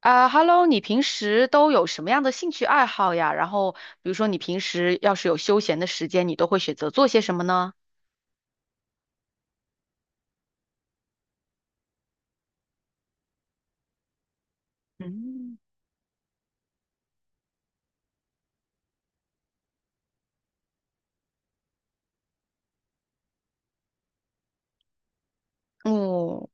啊，Hello，你平时都有什么样的兴趣爱好呀？然后，比如说你平时要是有休闲的时间，你都会选择做些什么呢？嗯，哦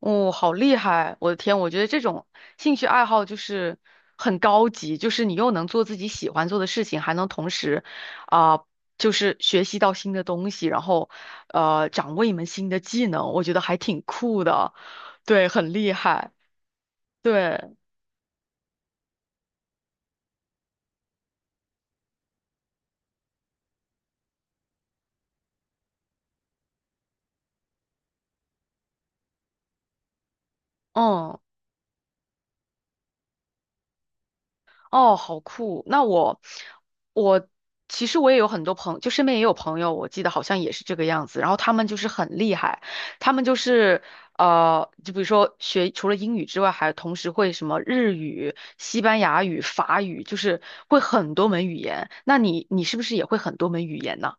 哦，好厉害！我的天，我觉得这种兴趣爱好就是很高级，就是你又能做自己喜欢做的事情，还能同时啊、就是学习到新的东西，然后掌握一门新的技能，我觉得还挺酷的。对，很厉害。对，嗯。哦，好酷！我其实我也有很多就身边也有朋友，我记得好像也是这个样子。然后他们就是很厉害，他们就是就比如说学除了英语之外，还同时会什么日语、西班牙语、法语，就是会很多门语言。那你是不是也会很多门语言呢？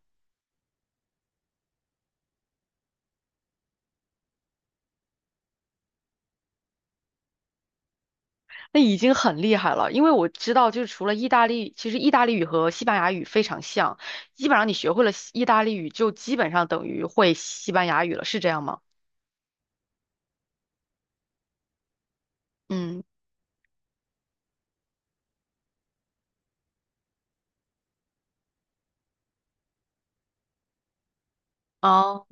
那已经很厉害了，因为我知道，就是除了意大利，其实意大利语和西班牙语非常像，基本上你学会了意大利语，就基本上等于会西班牙语了，是这样吗？嗯，哦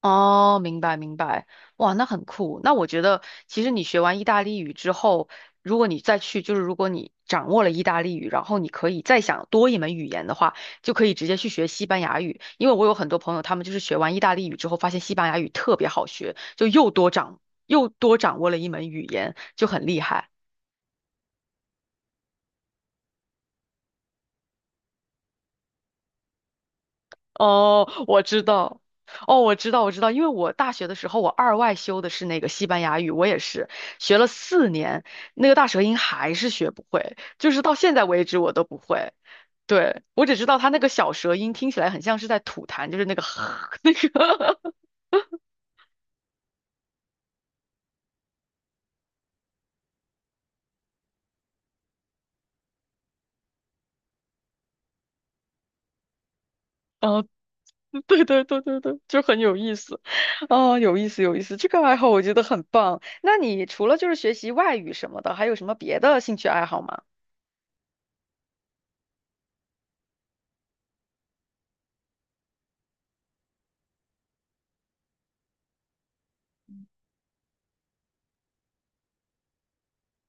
哦，明白明白，哇，那很酷。那我觉得，其实你学完意大利语之后，如果你再去，就是如果你掌握了意大利语，然后你可以再想多一门语言的话，就可以直接去学西班牙语。因为我有很多朋友，他们就是学完意大利语之后，发现西班牙语特别好学，就又多掌又多掌握了一门语言，就很厉害。哦，我知道，哦，我知道，我知道，因为我大学的时候，我二外修的是那个西班牙语，我也是学了4年，那个大舌音还是学不会，就是到现在为止我都不会。对，我只知道他那个小舌音听起来很像是在吐痰，就是那个 那个，啊，对对对对对，就很有意思，哦，有意思有意思，这个爱好我觉得很棒。那你除了就是学习外语什么的，还有什么别的兴趣爱好吗？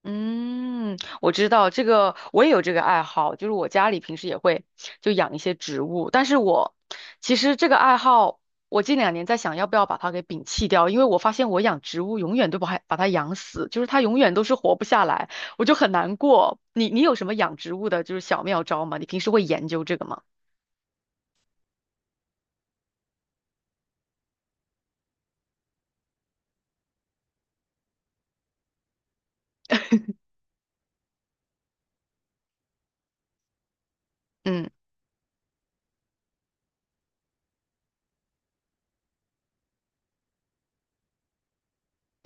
嗯，我知道这个，我也有这个爱好，就是我家里平时也会就养一些植物，但是我其实这个爱好，我近两年在想要不要把它给摒弃掉，因为我发现我养植物永远都不它把它养死，就是它永远都是活不下来，我就很难过。你有什么养植物的就是小妙招吗？你平时会研究这个吗？嗯。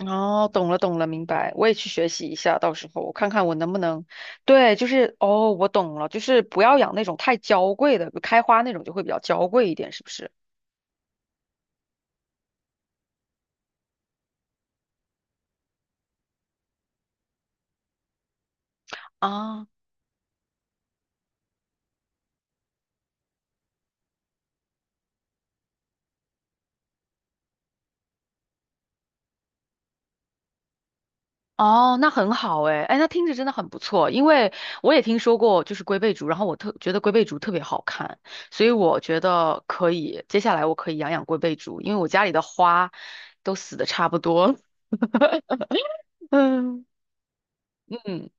哦，懂了，懂了，明白。我也去学习一下，到时候我看看我能不能。对，就是哦，我懂了，就是不要养那种太娇贵的，开花那种就会比较娇贵一点，是不是？啊，哦，那很好诶，哎，那听着真的很不错，因为我也听说过就是龟背竹，然后我特觉得龟背竹特别好看，所以我觉得可以，接下来我可以养养龟背竹，因为我家里的花都死的差不多了。嗯嗯。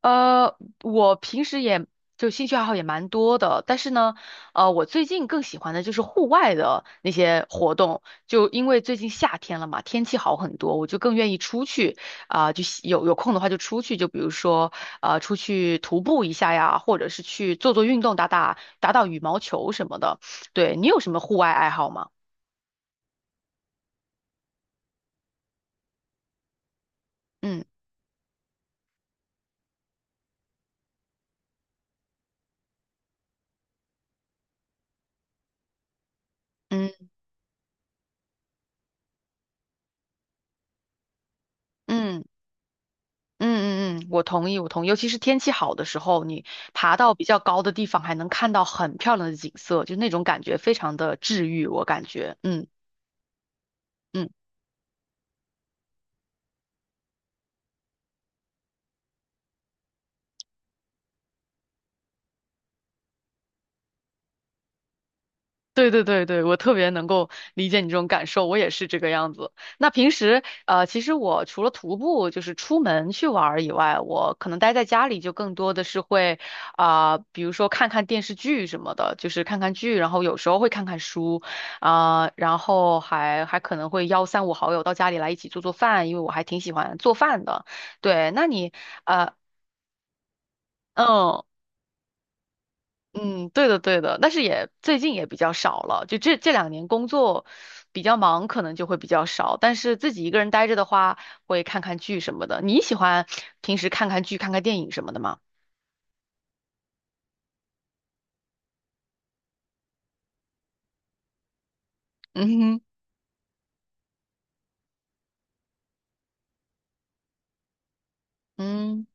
呃，我平时也就兴趣爱好也蛮多的，但是呢，我最近更喜欢的就是户外的那些活动，就因为最近夏天了嘛，天气好很多，我就更愿意出去就喜有空的话就出去，就比如说出去徒步一下呀，或者是去做做运动，打打羽毛球什么的。对，你有什么户外爱好吗？嗯嗯嗯。嗯嗯嗯，我同意，我同意。尤其是天气好的时候，你爬到比较高的地方，还能看到很漂亮的景色，就那种感觉非常的治愈，我感觉。嗯嗯。对对对对，我特别能够理解你这种感受，我也是这个样子。那平时其实我除了徒步，就是出门去玩儿以外，我可能待在家里就更多的是会比如说看看电视剧什么的，就是看看剧，然后有时候会看看书然后还可能会邀三五好友到家里来一起做做饭，因为我还挺喜欢做饭的。对，那你呃。嗯。嗯，对的，对的，但是也最近也比较少了，就这两年工作比较忙，可能就会比较少。但是自己一个人待着的话，会看看剧什么的。你喜欢平时看看剧、看看电影什么的吗？嗯哼，嗯。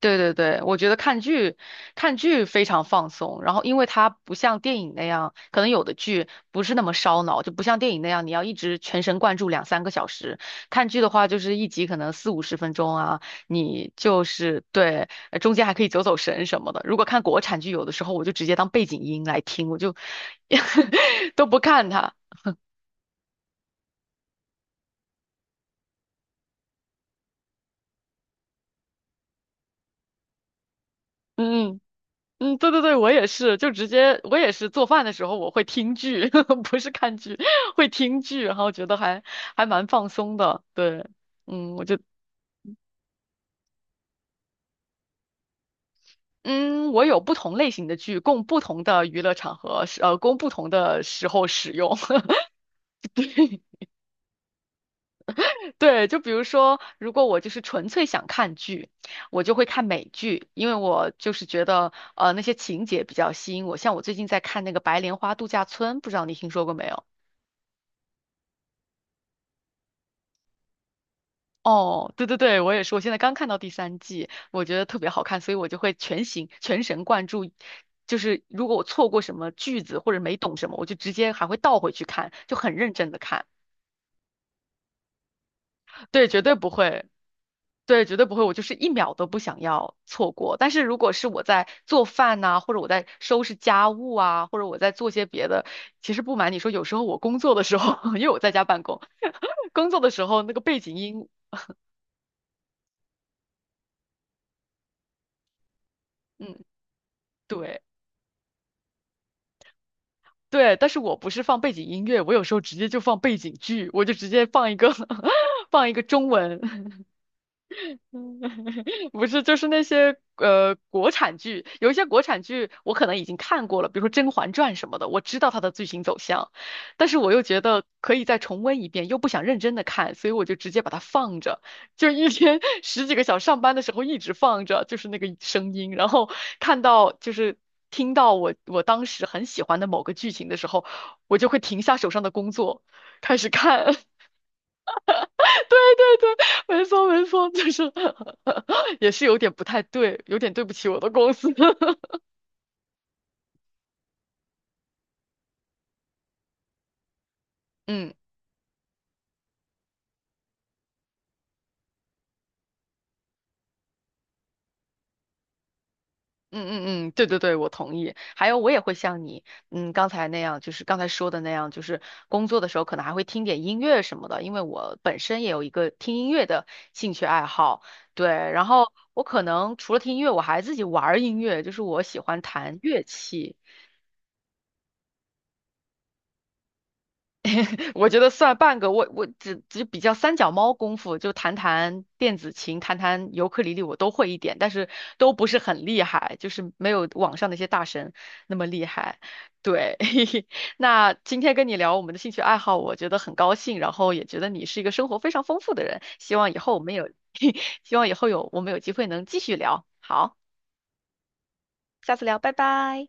对对对，我觉得看剧，看剧非常放松。然后，因为它不像电影那样，可能有的剧不是那么烧脑，就不像电影那样，你要一直全神贯注两三个小时。看剧的话，就是一集可能四五十分钟啊，你就是对，中间还可以走走神什么的。如果看国产剧，有的时候我就直接当背景音来听，我就 都不看它。嗯嗯。嗯，对对对，我也是，就直接我也是做饭的时候我会听剧，不是看剧，会听剧，然后觉得还蛮放松的。对，嗯，我就嗯，我有不同类型的剧，供不同的娱乐场合使，供不同的时候使用。对对，就比如说，如果我就是纯粹想看剧，我就会看美剧，因为我就是觉得那些情节比较吸引我。像我最近在看那个《白莲花度假村》，不知道你听说过没有？哦，对对对，我也是，我现在刚看到第三季，我觉得特别好看，所以我就会全心全神贯注。就是如果我错过什么句子或者没懂什么，我就直接还会倒回去看，就很认真的看。对，绝对不会，对，绝对不会，我就是一秒都不想要错过。但是如果是我在做饭呐、或者我在收拾家务啊，或者我在做些别的，其实不瞒你说，有时候我工作的时候，因为我在家办公，工作的时候那个背景音，嗯，对。对，但是我不是放背景音乐，我有时候直接就放背景剧，我就直接放一个 放一个中文。不是，就是那些国产剧，有一些国产剧我可能已经看过了，比如说《甄嬛传》什么的，我知道它的剧情走向，但是我又觉得可以再重温一遍，又不想认真的看，所以我就直接把它放着，就一天 十几个小时上班的时候一直放着，就是那个声音，然后看到就是听到我当时很喜欢的某个剧情的时候，我就会停下手上的工作，开始看。对，对对，没错没错，就是 也是有点不太对，有点对不起我的公司。嗯嗯嗯嗯，对对对，我同意。还有，我也会像你，刚才那样，就是刚才说的那样，就是工作的时候可能还会听点音乐什么的，因为我本身也有一个听音乐的兴趣爱好。对，然后我可能除了听音乐，我还自己玩儿音乐，就是我喜欢弹乐器。我觉得算半个，我只比较三脚猫功夫，就弹弹电子琴、弹弹尤克里里，我都会一点，但是都不是很厉害，就是没有网上那些大神那么厉害。对，那今天跟你聊我们的兴趣爱好，我觉得很高兴，然后也觉得你是一个生活非常丰富的人，希望以后我们有，希望以后有我们有机会能继续聊。好，下次聊，拜拜。